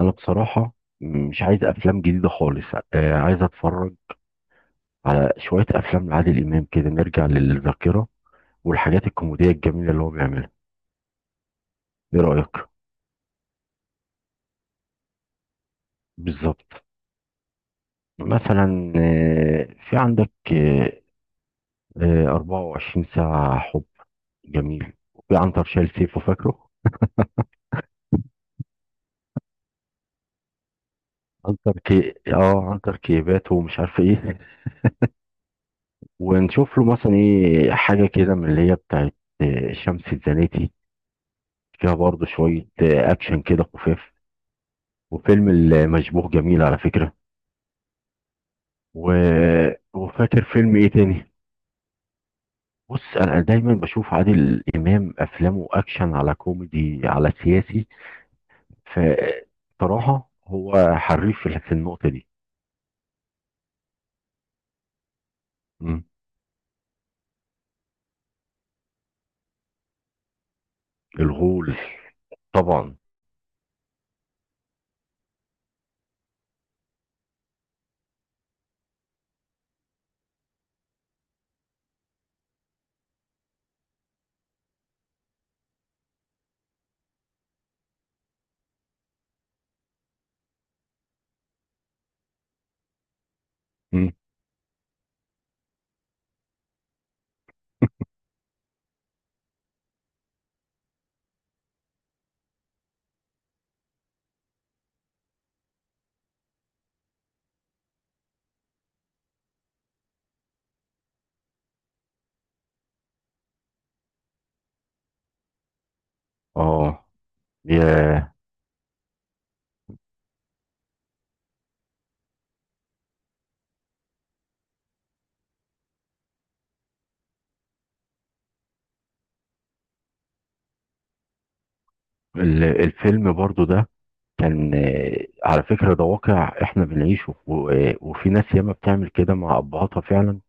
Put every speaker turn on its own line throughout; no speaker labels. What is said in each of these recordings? انا بصراحه مش عايز افلام جديده خالص. عايز اتفرج على شويه افلام لعادل امام كده نرجع للذاكره، والحاجات الكوميديه الجميله اللي هو بيعملها. ايه رايك؟ بالظبط. مثلا في عندك 24 ساعه حب جميل، وفي عنتر شايل سيفه، فاكره؟ عنتر كي اه عنتر كيبات ومش عارف ايه. ونشوف له مثلا ايه حاجه كده من اللي هي بتاعت شمس الزناتي. فيها برضه شويه اكشن كده خفاف. وفيلم المشبوه جميل على فكرة. و... وفاكر فيلم ايه تاني؟ بص، انا دايما بشوف عادل امام، افلامه اكشن على كوميدي على سياسي. فصراحة هو حريف في النقطة دي. مم. الغول. طبعا. مم. اه، يا الفيلم برضو ده كان على فكرة، ده واقع احنا بنعيشه، وفي ناس ياما بتعمل كده مع ابهاتها فعلا.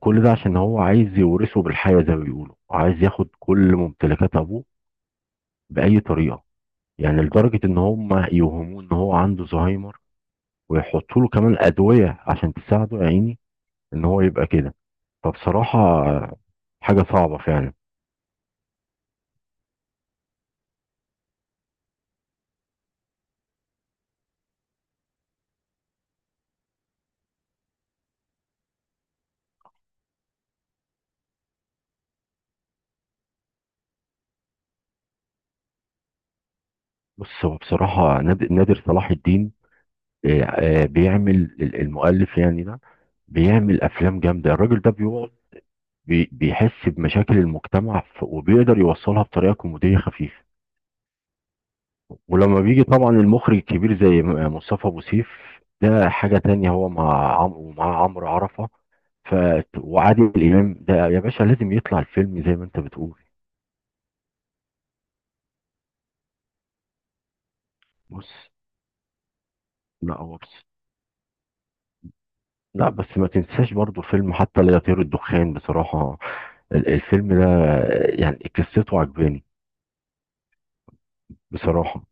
كل ده عشان هو عايز يورثه بالحياة زي ما بيقولوا، عايز ياخد كل ممتلكات أبوه بأي طريقة. يعني لدرجة إن هم يوهموه إن هو عنده زهايمر، ويحطوا له كمان أدوية عشان تساعده يا عيني إن هو يبقى كده. فبصراحة حاجة صعبة فعلا. بص، هو بصراحة نادر صلاح الدين، بيعمل المؤلف يعني ده، بيعمل أفلام جامدة. الراجل ده بيقعد بيحس بمشاكل المجتمع، وبيقدر يوصلها بطريقة كوميدية خفيفة. ولما بيجي طبعا المخرج الكبير زي مصطفى ابو سيف، ده حاجه تانية. هو مع عمرو ومع عمرو عرفه. ف، وعادل امام ده يا باشا لازم يطلع الفيلم زي ما انت بتقول. بص، لا هو بص، لا بس ما تنساش برضو فيلم حتى لا يطير الدخان. بصراحه، الفيلم ده يعني قصته عجباني. بصراحه.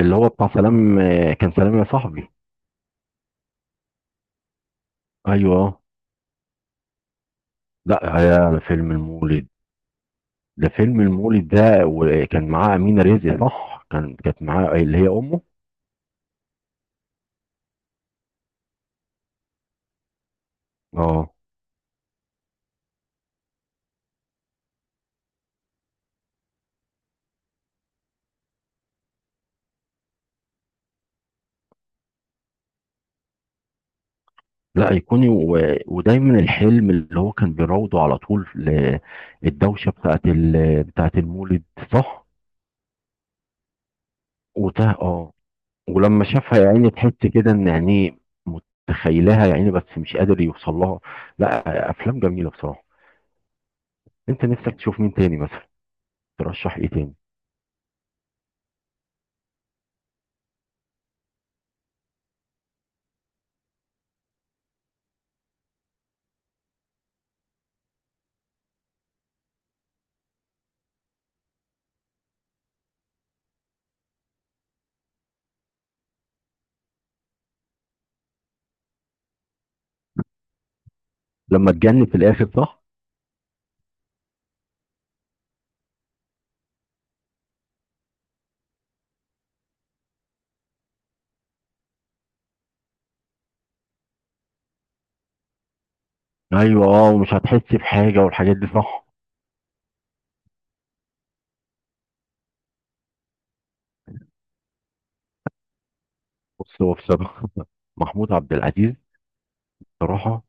اللي هو بتاع سلام، كان سلام يا صاحبي. ايوه، لا يا فيلم المولد، ده فيلم المولد ده، وكان معاه أمينة رزق، صح، كانت معاه اللي هي أمه. اه. لا أيقوني. و... ودايما الحلم اللي هو كان بيراوده على طول، الدوشة بتاعت بتاعت المولد. صح. وده، اه. ولما شافها يا عيني تحس كده إن، يعني، متخيلها يا عيني بس مش قادر يوصل لها. لا، أفلام جميلة بصراحة. أنت نفسك تشوف مين تاني مثلا؟ ترشح إيه تاني؟ لما تجنن في الآخر، صح؟ أيوه، اه، ومش هتحس بحاجة والحاجات دي، صح. بص، هو بصراحة محمود عبد العزيز، صراحة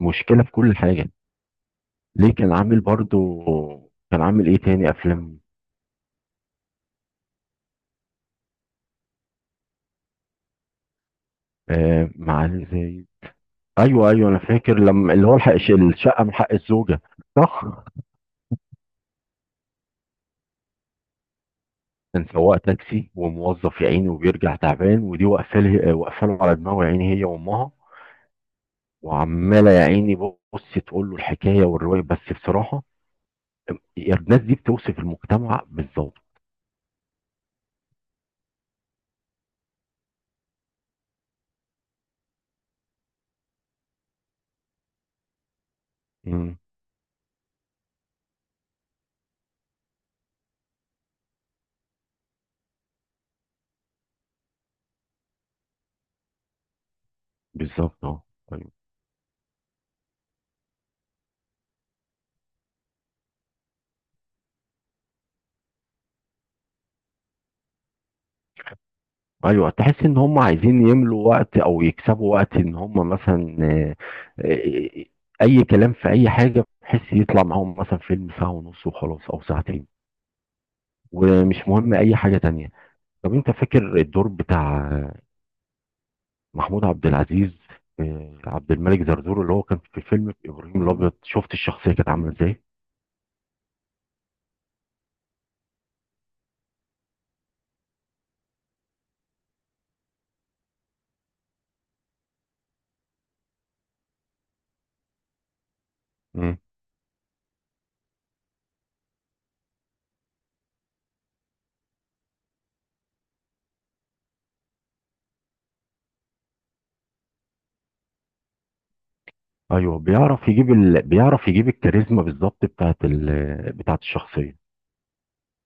مشكلة في كل حاجة. ليه كان عامل برضو؟ كان عامل ايه تاني افلام؟ آه، مع زي. ايوه ايوه، انا فاكر، لما اللي هو الحق الشقة من حق الزوجة. صح. كان سواق تاكسي وموظف يا عيني، وبيرجع تعبان، ودي واقفه واقفه له على دماغه يا عيني، هي وامها. وعماله يا عيني بص تقول له الحكايه والروايه، بس بصراحه، الناس دي بتوصف المجتمع بالظبط. امم. بالظبط، اه. أيوة. ايوه، تحس ان هم عايزين يملوا وقت او يكسبوا وقت، ان هم مثلا آه، اي كلام في اي حاجه، بحيث يطلع معاهم مثلا فيلم ساعه ونص وخلاص او ساعتين. ومش مهم اي حاجه تانية. طب انت فاكر الدور بتاع محمود عبد العزيز، عبد الملك زرزور، اللي هو كان في فيلم ابراهيم الابيض؟ شفت الشخصيه كانت عامله ازاي؟ مم. ايوه، بيعرف يجيب بيعرف يجيب الكاريزما بالظبط بتاعت بتاعت الشخصيه.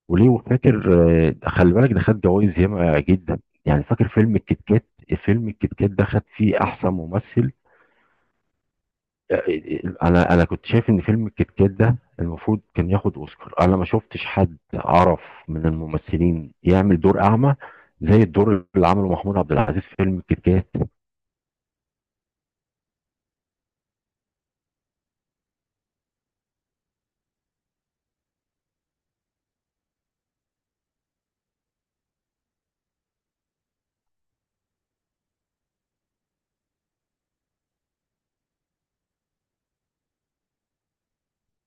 وليه، وفاكر، خلي بالك ده خد جوائز ياما جدا، يعني فاكر فيلم الكيت كات؟ فيلم الكيت كات ده خد فيه احسن ممثل. انا كنت شايف ان فيلم الكيت كات ده المفروض كان ياخد اوسكار. انا ما شفتش حد عرف من الممثلين يعمل دور اعمى زي الدور اللي عمله محمود عبد العزيز في فيلم الكيت كات.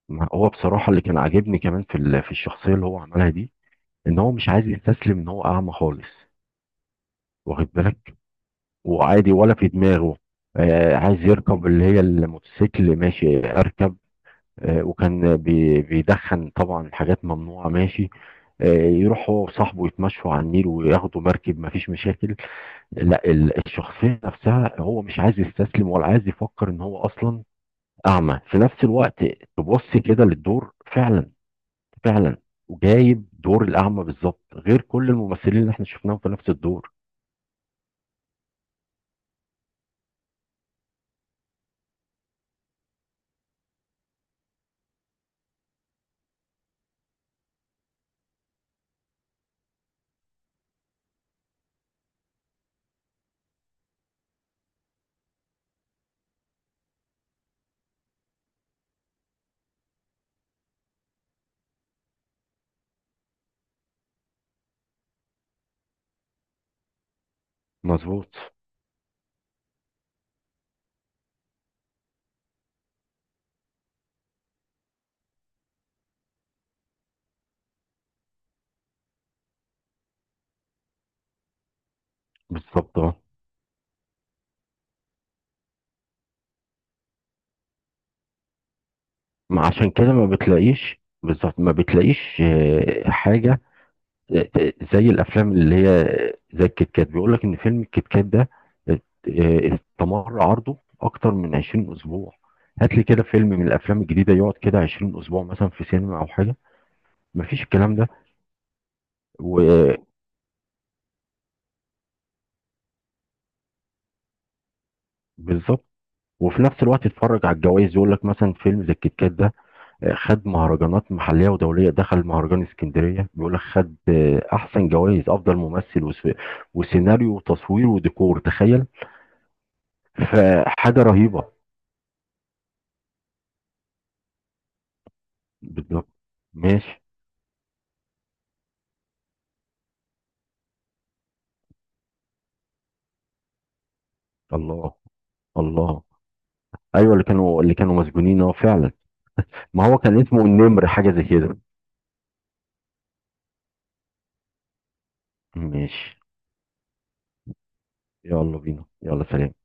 ما هو بصراحه اللي كان عاجبني كمان في الشخصيه اللي هو عملها دي، ان هو مش عايز يستسلم ان هو اعمى خالص. واخد بالك؟ وعادي، ولا في دماغه. عايز يركب اللي هي الموتوسيكل، ماشي اركب. وكان بيدخن طبعا حاجات ممنوعة، ماشي. يروح هو وصاحبه يتمشوا على النيل وياخدوا مركب، مفيش مشاكل. لا، الشخصية نفسها هو مش عايز يستسلم ولا عايز يفكر ان هو اصلا اعمى في نفس الوقت. تبص كده للدور فعلا، فعلا. وجايب دور الاعمى بالظبط غير كل الممثلين اللي احنا شفناهم في نفس الدور. مظبوط. بالظبط. ما عشان كده ما بتلاقيش بالظبط، ما بتلاقيش حاجة زي الأفلام اللي هي، زي الكيت كات، بيقول لك إن فيلم الكيت كات ده آه، استمر عرضه أكتر من 20 أسبوع. هات لي كده فيلم من الأفلام الجديدة يقعد كده 20 أسبوع مثلا في سينما أو حاجة. مفيش الكلام ده. وبالظبط. وفي نفس الوقت اتفرج على الجوائز، يقول لك مثلا فيلم زي الكيت كات ده، خد مهرجانات محليه ودوليه، دخل مهرجان اسكندريه، بيقول لك خد احسن جوائز، افضل ممثل، وسيناريو وتصوير وديكور، تخيل. فحاجه رهيبه. بالظبط. ماشي. الله، الله. ايوه، اللي كانوا مسجونين، اه، فعلا. ما هو كان اسمه النمر حاجه زي كده. ماشي. يلا بينا، يلا، سلام.